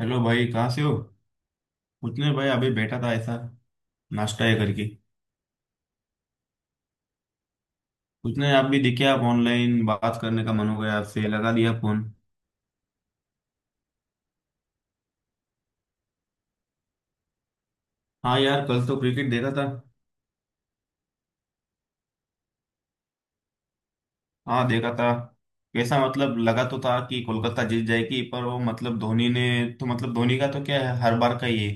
Hello भाई, कहाँ से हो। कुछ नहीं भाई, अभी बैठा था ऐसा नाश्ता ये करके। कुछ नहीं, आप भी दिखे, आप ऑनलाइन, बात करने का मन हो गया, आपसे लगा दिया फोन। हाँ यार, कल तो क्रिकेट देखा था। हाँ देखा था। कैसा मतलब लगा तो था कि कोलकाता जीत जाएगी, पर वो मतलब धोनी ने। तो मतलब धोनी का तो क्या है, हर बार का ये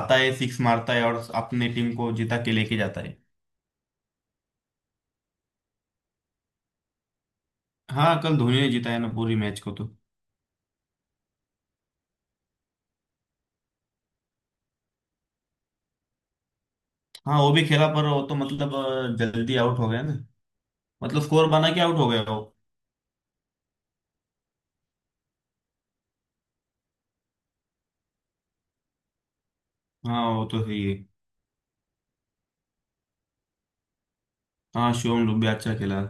आता है, सिक्स मारता है और अपने टीम को जिता के लेके जाता है। हाँ, कल धोनी ने जिताया ना पूरी मैच को तो। हाँ वो भी खेला, पर वो तो मतलब जल्दी आउट हो गया ना। मतलब स्कोर बना के आउट हो गया वो। हाँ वो तो सही है। हाँ, शिवम डुबे अच्छा खेला।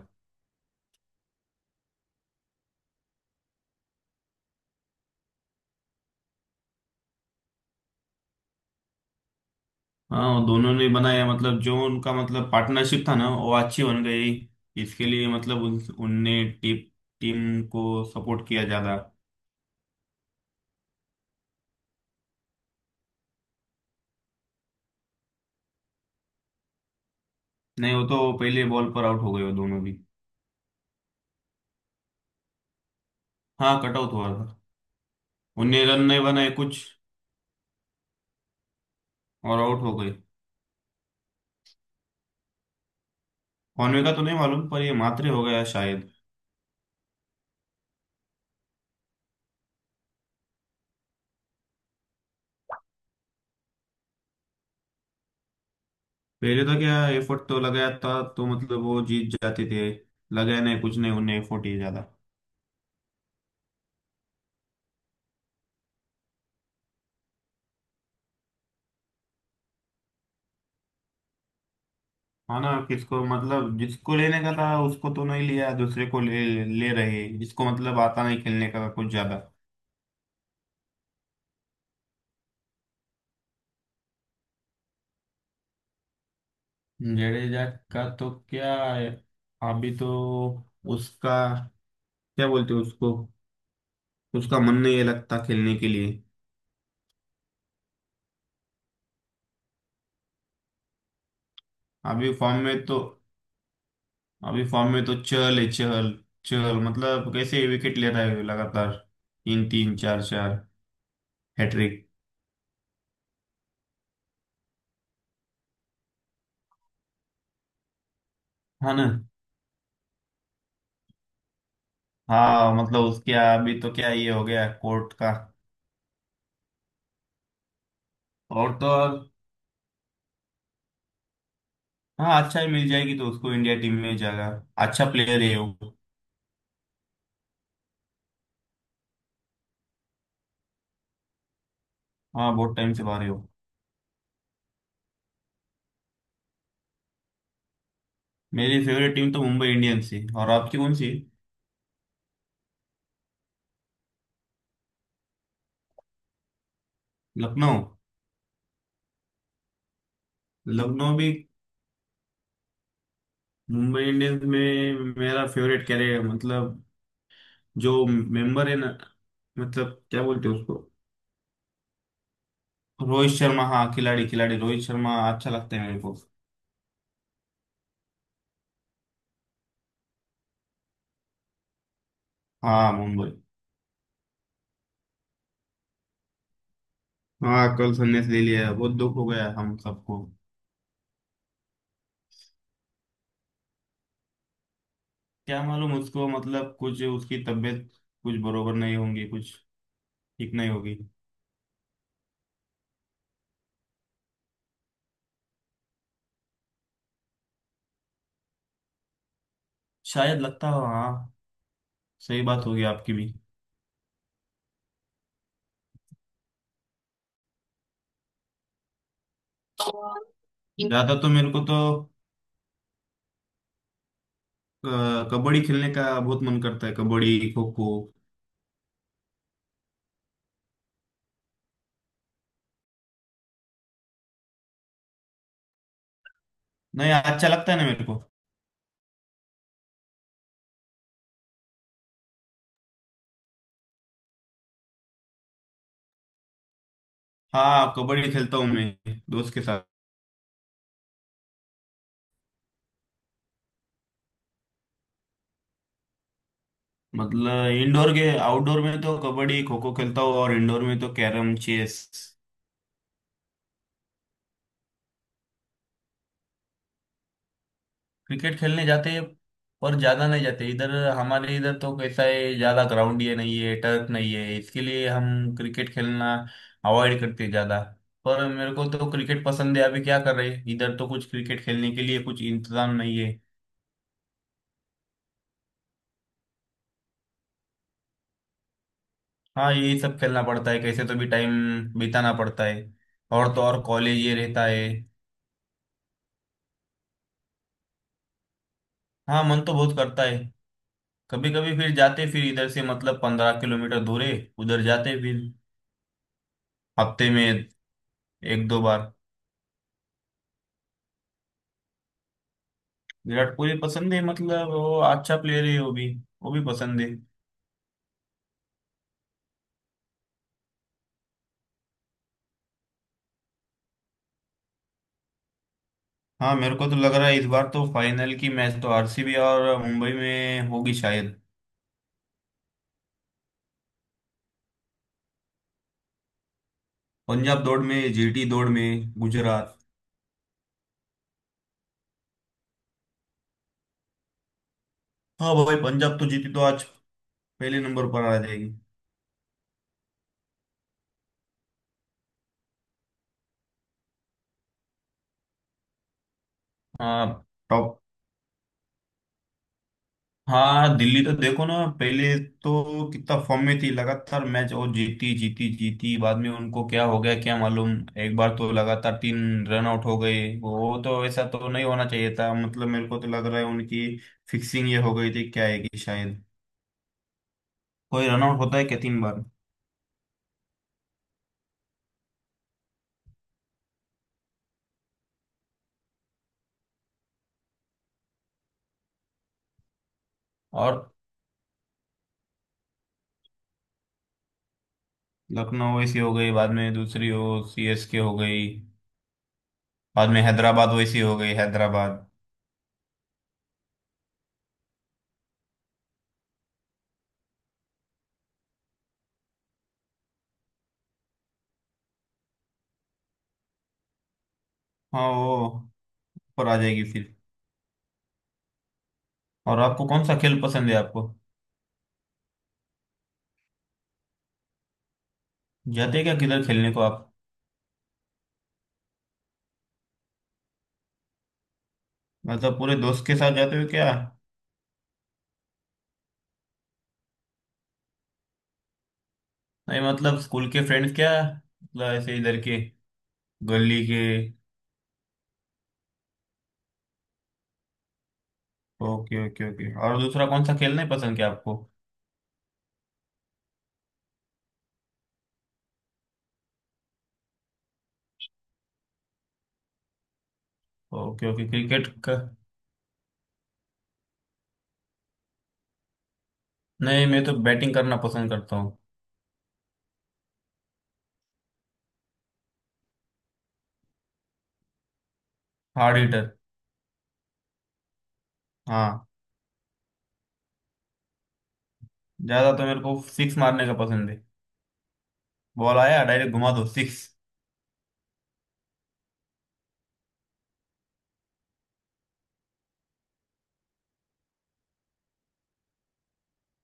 हाँ वो दोनों ने बनाया, मतलब जो उनका मतलब पार्टनरशिप था ना, वो अच्छी बन गई। इसके लिए मतलब उनने टीम टीम को सपोर्ट किया ज्यादा। नहीं, वो तो पहले बॉल पर आउट हो गए वो दोनों भी। हाँ कट आउट हुआ था। उनने रन नहीं बनाए कुछ और आउट हो गए। कॉनवे का तो नहीं मालूम, पर ये मात्रे हो गया शायद। पहले तो क्या, एफर्ट तो लगाया था, तो मतलब वो जीत जाते थे। लगाया नहीं कुछ, नहीं उन्हें एफर्ट ही ज्यादा। हाँ ना, किसको मतलब, जिसको लेने का था उसको तो नहीं लिया, दूसरे को ले ले रहे, जिसको मतलब आता नहीं खेलने का कुछ ज्यादा। जडेजा का तो क्या है, अभी तो उसका, क्या बोलते हैं उसको, उसका मन नहीं लगता खेलने के लिए। अभी फॉर्म में तो, अभी फॉर्म में तो चहल है, चहल। चहल मतलब कैसे विकेट ले रहा है लगातार, तीन तीन चार चार, हैट्रिक। हाँ ना। हाँ मतलब उसके अभी तो क्या ये हो गया कोर्ट का। और तो और, हाँ अच्छा ही मिल जाएगी तो उसको इंडिया टीम में जगह। अच्छा प्लेयर है वो। हाँ बहुत टाइम से बाहर है वो। मेरी फेवरेट टीम तो मुंबई इंडियंस है, और आपकी कौन सी। लखनऊ। लखनऊ भी। मुंबई इंडियंस में मेरा फेवरेट कैरे मतलब, जो मेंबर है ना, मतलब क्या बोलते हैं उसको, रोहित शर्मा। हाँ, खिलाड़ी खिलाड़ी रोहित शर्मा अच्छा लगता है मेरे को। हाँ, मुंबई। हाँ कल संन्यास ले लिया, बहुत दुख हो गया हम सबको। क्या मालूम उसको, मतलब कुछ उसकी तबीयत कुछ बरोबर नहीं होंगी, कुछ ठीक नहीं होगी। शायद लगता हो, हाँ। सही बात होगी आपकी भी। ज्यादा तो मेरे को तो अ, कबड्डी खेलने का बहुत मन करता है, कबड्डी खो खो। नहीं, अच्छा लगता है ना मेरे को। हाँ, कबड्डी खेलता हूँ मैं दोस्त के साथ। मतलब इंडोर के आउटडोर में तो कबड्डी खो खो खेलता हूँ, और इंडोर में तो कैरम चेस। क्रिकेट खेलने जाते हैं, पर ज्यादा नहीं जाते इधर। हमारे इधर तो कैसा है, ज्यादा ग्राउंड ये नहीं है, टर्फ नहीं है, इसके लिए हम क्रिकेट खेलना अवॉइड करते हैं ज्यादा। पर मेरे को तो क्रिकेट पसंद है, अभी क्या कर रहे हैं, इधर तो कुछ क्रिकेट खेलने के लिए कुछ इंतजाम नहीं है। हाँ, यही सब खेलना पड़ता है, कैसे तो भी टाइम बिताना पड़ता है। और तो और, कॉलेज ये रहता है। हाँ, मन तो बहुत करता है। कभी कभी फिर जाते, फिर इधर से मतलब 15 किलोमीटर दूर है, उधर जाते, फिर हफ्ते में एक दो बार। विराट कोहली पसंद है, मतलब वो अच्छा प्लेयर है, वो भी पसंद है। हाँ मेरे को तो लग रहा है इस बार तो फाइनल की मैच तो आरसीबी और मुंबई में होगी शायद। पंजाब दौड़ में, जीटी दौड़ में, गुजरात। हाँ भाई पंजाब तो जीती तो आज पहले नंबर पर आ जाएगी। हाँ टॉप। हाँ, दिल्ली तो देखो ना, पहले तो कितना फॉर्म में थी, लगातार मैच और जीती जीती जीती, बाद में उनको क्या हो गया क्या मालूम। एक बार तो लगातार तीन रन आउट हो गए, वो तो ऐसा तो नहीं होना चाहिए था, मतलब मेरे को तो लग रहा है उनकी फिक्सिंग ये हो गई थी क्या है कि शायद। कोई रन आउट होता है क्या तीन बार। और लखनऊ वैसी हो गई बाद में, दूसरी हो सीएसके हो गई। बाद में हैदराबाद वैसी हो गई, हैदराबाद। हाँ वो ऊपर आ जाएगी फिर। और आपको कौन सा खेल पसंद है आपको। जाते हैं क्या किधर खेलने को आप। मतलब पूरे दोस्त के साथ जाते हो क्या। नहीं मतलब स्कूल के फ्रेंड्स क्या, मतलब ऐसे इधर के, गली के। ओके ओके ओके, और दूसरा कौन सा खेलना है पसंद क्या आपको। ओके ओके, क्रिकेट का। नहीं, मैं तो बैटिंग करना पसंद करता हूँ। Hard hitter. हाँ। ज्यादा तो मेरे को सिक्स मारने का पसंद है। बॉल आया, डायरेक्ट घुमा दो, सिक्स।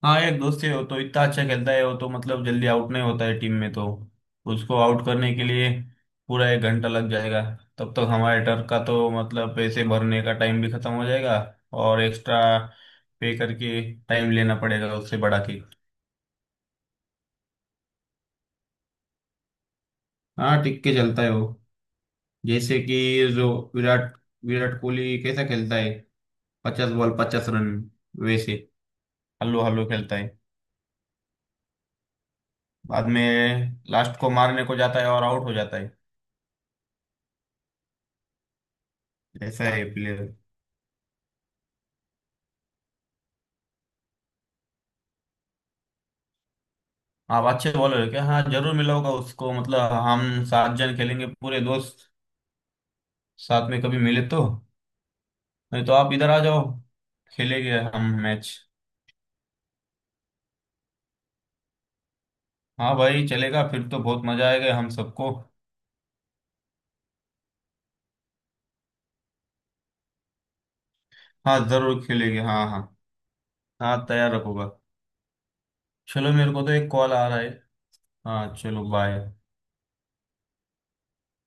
हाँ यार, दोस्त है, वो तो इतना अच्छा खेलता है, वो तो मतलब जल्दी आउट नहीं होता है, टीम में तो उसको आउट करने के लिए पूरा एक घंटा लग जाएगा। तब तक हमारे टर्फ का तो मतलब पैसे भरने का टाइम भी खत्म हो जाएगा, और एक्स्ट्रा पे करके टाइम लेना पड़ेगा उससे बढ़ा के। हाँ, टिक के चलता है वो। जैसे कि जो विराट, विराट कोहली कैसा खेलता है, 50 बॉल 50 रन, वैसे हल्लो हल्लो खेलता है। बाद में लास्ट को मारने को जाता है और आउट हो जाता है। ऐसा है प्लेयर। आप अच्छे बॉलर क्या, हाँ जरूर मिलाऊंगा उसको, मतलब हम 7 जन खेलेंगे पूरे दोस्त साथ में, कभी मिले तो। नहीं तो आप इधर आ जाओ, खेलेंगे हम मैच। हाँ भाई चलेगा, फिर तो बहुत मजा आएगा हम सबको। हाँ जरूर खेलेंगे, हाँ हाँ। हाँ तैयार रखूंगा। चलो, मेरे को तो एक कॉल आ रहा है। हाँ चलो, बाय।